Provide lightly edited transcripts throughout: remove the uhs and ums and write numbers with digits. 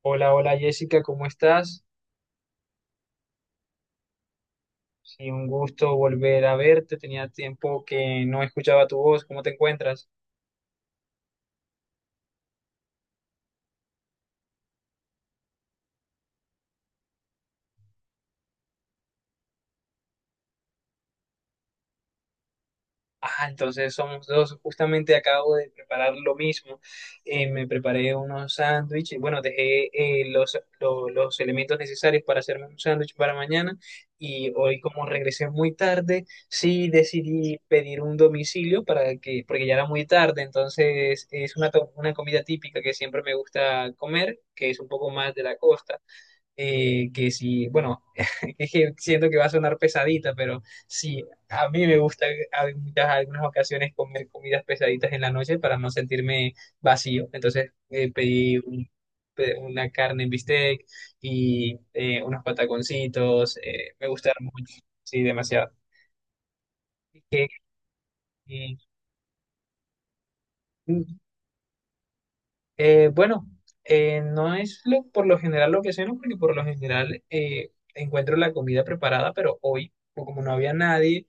Hola, hola Jessica, ¿cómo estás? Sí, un gusto volver a verte. Tenía tiempo que no escuchaba tu voz. ¿Cómo te encuentras? Ah, entonces somos dos. Justamente acabo de preparar lo mismo. Me preparé unos sándwiches. Bueno, dejé los elementos necesarios para hacerme un sándwich para mañana. Y hoy, como regresé muy tarde, sí decidí pedir un domicilio porque ya era muy tarde. Entonces, es una comida típica que siempre me gusta comer, que es un poco más de la costa. Que si, Bueno, es que siento que va a sonar pesadita, pero sí, a mí me gusta algunas ocasiones comer comidas pesaditas en la noche para no sentirme vacío. Entonces pedí una carne en bistec y unos pataconcitos, me gustaron mucho, sí, demasiado. Y, mm, bueno, no es por lo general lo que ceno, porque por lo general encuentro la comida preparada, pero hoy, como no había nadie,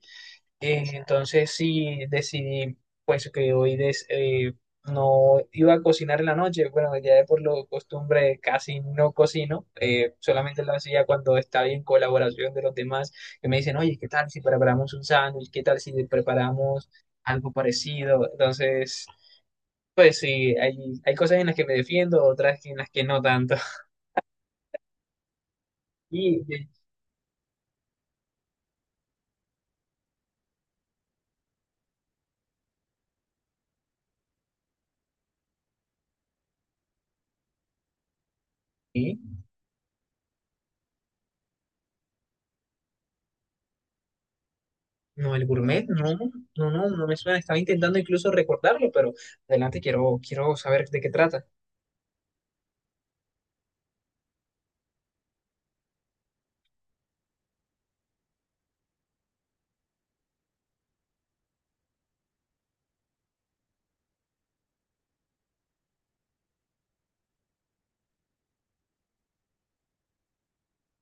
Entonces sí decidí que no iba a cocinar en la noche. Bueno, ya de por lo costumbre casi no cocino. Solamente lo hacía cuando estaba en colaboración de los demás, que me dicen, oye, ¿qué tal si preparamos un sándwich? ¿Qué tal si preparamos algo parecido? Entonces, pues sí, hay cosas en las que me defiendo, otras en las que no tanto. Y no, el gourmet, no, no, no, no me suena. Estaba intentando incluso recordarlo, pero adelante, quiero saber de qué trata.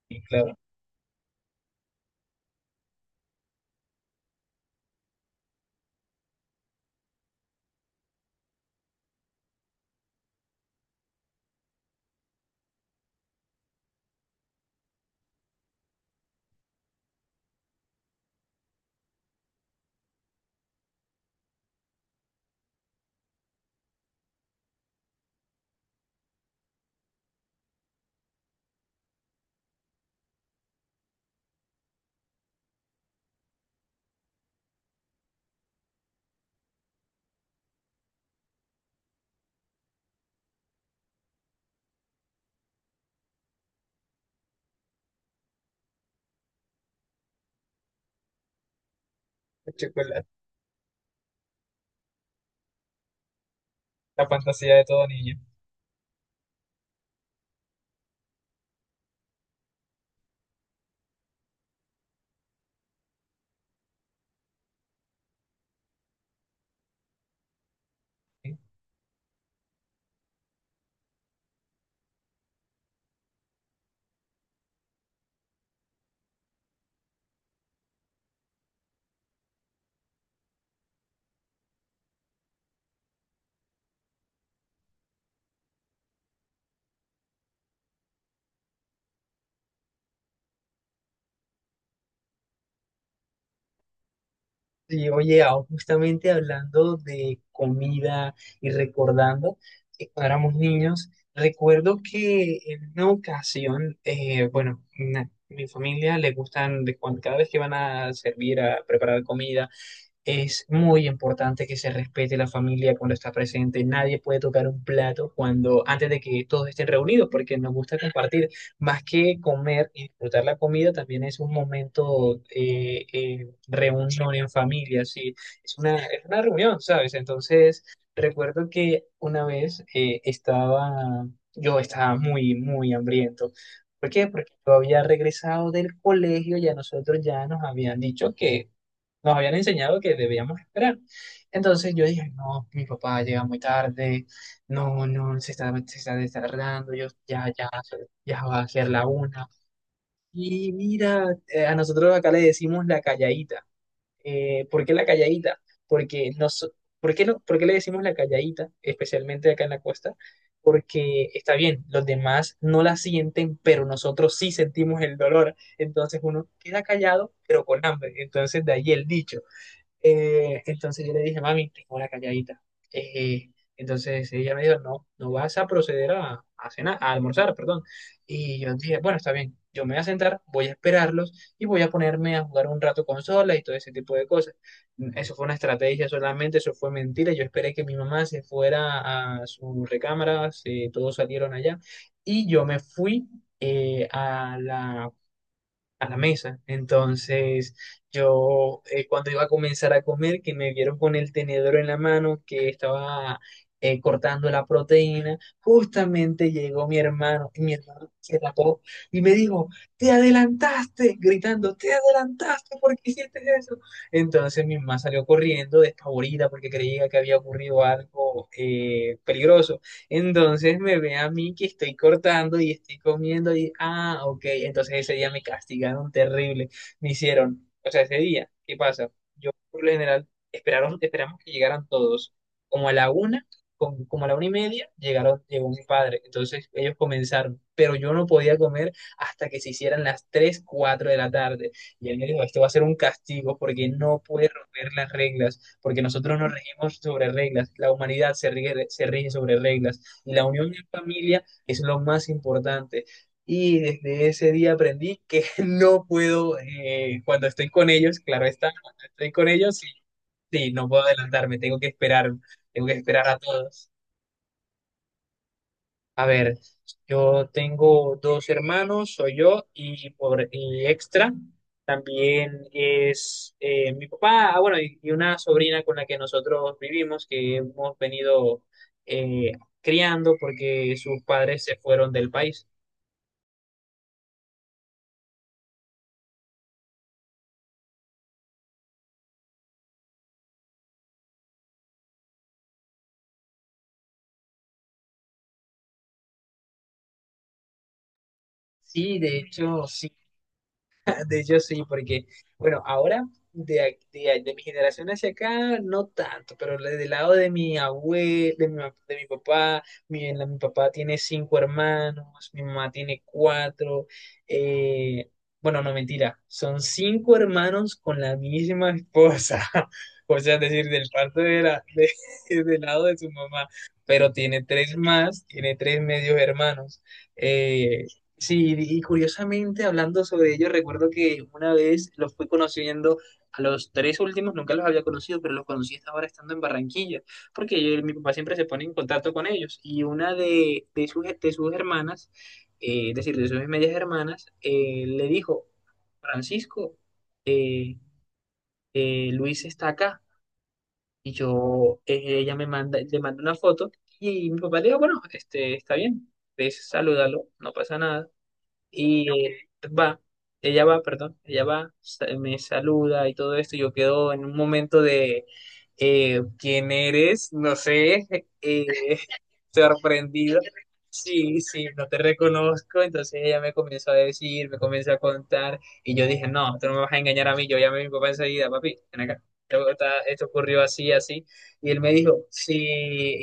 Y claro, el chocolate, la fantasía de todo niño. Y oye, ah, justamente hablando de comida y recordando que cuando éramos niños, recuerdo que en una ocasión, bueno, mi familia le gustan, cada vez que van a servir, a preparar comida. Es muy importante que se respete la familia cuando está presente. Nadie puede tocar un plato cuando, antes de que todos estén reunidos, porque nos gusta compartir. Más que comer y disfrutar la comida, también es un momento reunión en familia, sí. Es es una reunión, ¿sabes? Entonces, recuerdo que una vez yo estaba muy, muy hambriento. ¿Por qué? Porque yo había regresado del colegio y a nosotros ya nos habían dicho que nos habían enseñado que debíamos esperar. Entonces yo dije, no, mi papá llega muy tarde, no, no, se está tardando, ya va a ser la una. Y mira, a nosotros acá le decimos la calladita. ¿Por qué la calladita? Porque nos, ¿por qué, no- ¿por qué le decimos la calladita, especialmente acá en la costa? Porque está bien, los demás no la sienten, pero nosotros sí sentimos el dolor. Entonces uno queda callado, pero con hambre. Entonces de ahí el dicho. Entonces yo le dije, mami, tengo la calladita. Eh, entonces ella me dijo, no, no vas a proceder a cenar, a almorzar, perdón. Y yo dije, bueno, está bien, yo me voy a sentar, voy a esperarlos y voy a ponerme a jugar un rato consola y todo ese tipo de cosas. Eso fue una estrategia solamente, eso fue mentira. Yo esperé que mi mamá se fuera a su recámara, todos salieron allá y yo me fui eh, a la a la mesa. Entonces, yo cuando iba a comenzar a comer, que me vieron con el tenedor en la mano, que estaba cortando la proteína, justamente llegó mi hermano, y mi hermano se tapó y me dijo, te adelantaste, gritando, te adelantaste, ¿por qué hiciste eso? Entonces mi mamá salió corriendo, despavorida, porque creía que había ocurrido algo peligroso. Entonces me ve a mí que estoy cortando y estoy comiendo y, ah, ok, entonces ese día me castigaron terrible, me hicieron, o sea, ese día, ¿qué pasa? Yo por lo general esperaron, esperamos que llegaran todos, como a la una, como a la una y media, llegó mi padre, entonces ellos comenzaron, pero yo no podía comer hasta que se hicieran las 3 4 de la tarde. Y él me dijo, esto va a ser un castigo porque no puede romper las reglas, porque nosotros nos regimos sobre reglas, la humanidad se rige sobre reglas. Y la unión en familia es lo más importante. Y desde ese día aprendí que no puedo, cuando estoy con ellos, claro está, cuando estoy con ellos, sí, sí, no puedo adelantarme, tengo que esperar a todos. A ver, yo tengo dos hermanos, soy yo y extra. También es mi papá, ah, bueno, y una sobrina con la que nosotros vivimos, que hemos venido eh, criando porque sus padres se fueron del país. Sí, de hecho, sí. De hecho sí, porque, bueno, ahora de mi generación hacia acá, no tanto, pero del lado de mi abuelo, de mi papá, mi papá tiene cinco hermanos, mi mamá tiene cuatro, eh, bueno, no mentira, son cinco hermanos con la misma esposa, o sea, es decir, del parto de del lado de su mamá, pero tiene tres más, tiene tres medios hermanos. eh, Sí, y curiosamente hablando sobre ello, recuerdo que una vez los fui conociendo a los tres últimos, nunca los había conocido, pero los conocí hasta ahora estando en Barranquilla, porque mi papá siempre se pone en contacto con ellos. Y una de sus hermanas, es decir, de sus medias hermanas, le dijo, Francisco, eh, Luis está acá. Y yo, le manda una foto y mi papá le dijo, bueno, este, está bien, ves, salúdalo, no pasa nada. Y va, Ella va, perdón, ella va, me saluda y todo esto. Yo quedo en un momento de ¿quién eres? No sé, eh, sorprendido. Sí, sí, no te reconozco. Entonces ella me comenzó a decir, me comenzó a contar. Y yo dije, no, tú no me vas a engañar a mí. Yo llamé a mi papá enseguida, papi, ven acá. Esto ocurrió así, así. Y él me dijo, sí,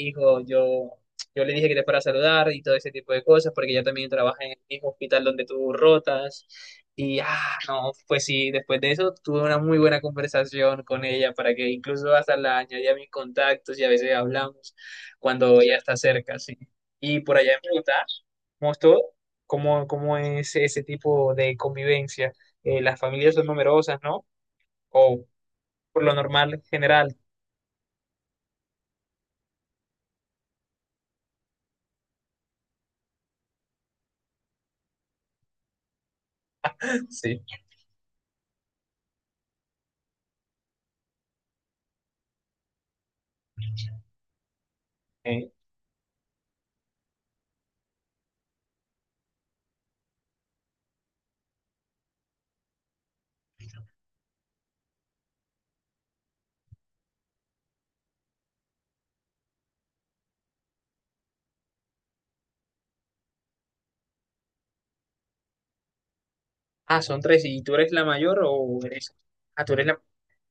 hijo, yo le dije que era para saludar y todo ese tipo de cosas, porque ella también trabaja en el mismo hospital donde tú rotas. Y, ah, no, pues sí, después de eso tuve una muy buena conversación con ella, para que incluso hasta la añadí a mis contactos y a veces hablamos cuando ella está cerca, sí. Y por allá en Bogotá, mostró cómo, cómo es ese tipo de convivencia. Las familias son numerosas, ¿no? O por lo normal, en general. Sí. Eh, ah, son tres. ¿Y tú eres la mayor o eres... Ah, tú eres la...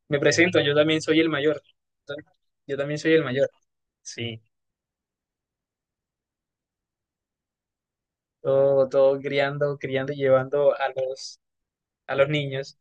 Me presento, yo también soy el mayor. Yo también soy el mayor. Sí, todo, todo criando, criando y llevando a a los niños.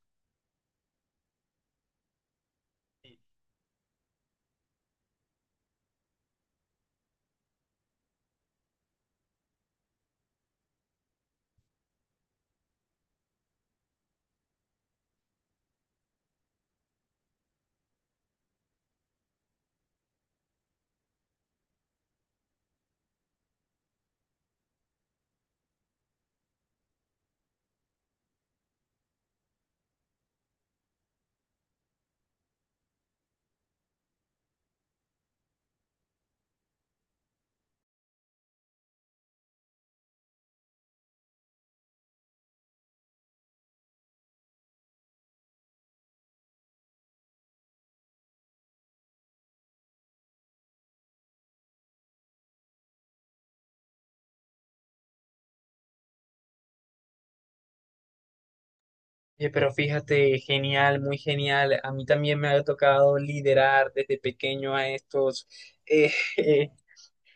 Oye, pero fíjate, genial, muy genial. A mí también me ha tocado liderar desde pequeño a estos eh, eh,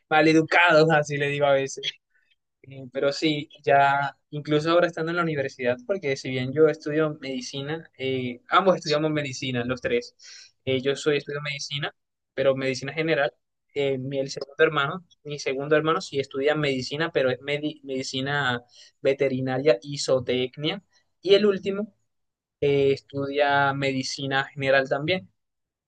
maleducados, así le digo a veces. Pero sí, ya incluso ahora estando en la universidad, porque si bien yo estudio medicina, ambos estudiamos medicina, los tres. Yo soy estudio medicina, pero medicina general. Mi segundo hermano sí estudia medicina, pero es medicina veterinaria y zootecnia. Y el último estudia medicina general también,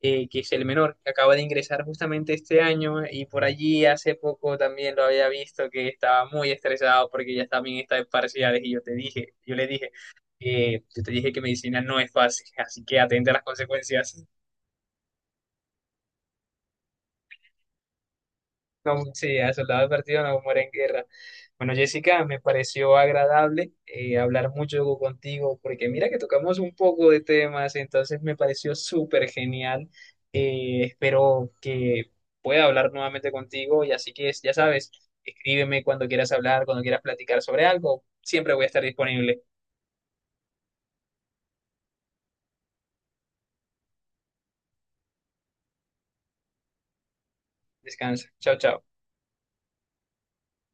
que es el menor, que acaba de ingresar justamente este año, y por allí hace poco también lo había visto que estaba muy estresado porque ya también está en parciales, y yo le dije, yo te dije que medicina no es fácil, así que atente a las consecuencias. No, sí, a soldado partido no muere en guerra. Bueno, Jessica, me pareció agradable hablar mucho contigo, porque mira que tocamos un poco de temas, entonces me pareció súper genial. Espero que pueda hablar nuevamente contigo, y así que ya sabes, escríbeme cuando quieras hablar, cuando quieras platicar sobre algo, siempre voy a estar disponible. Descansa. Chao, chao.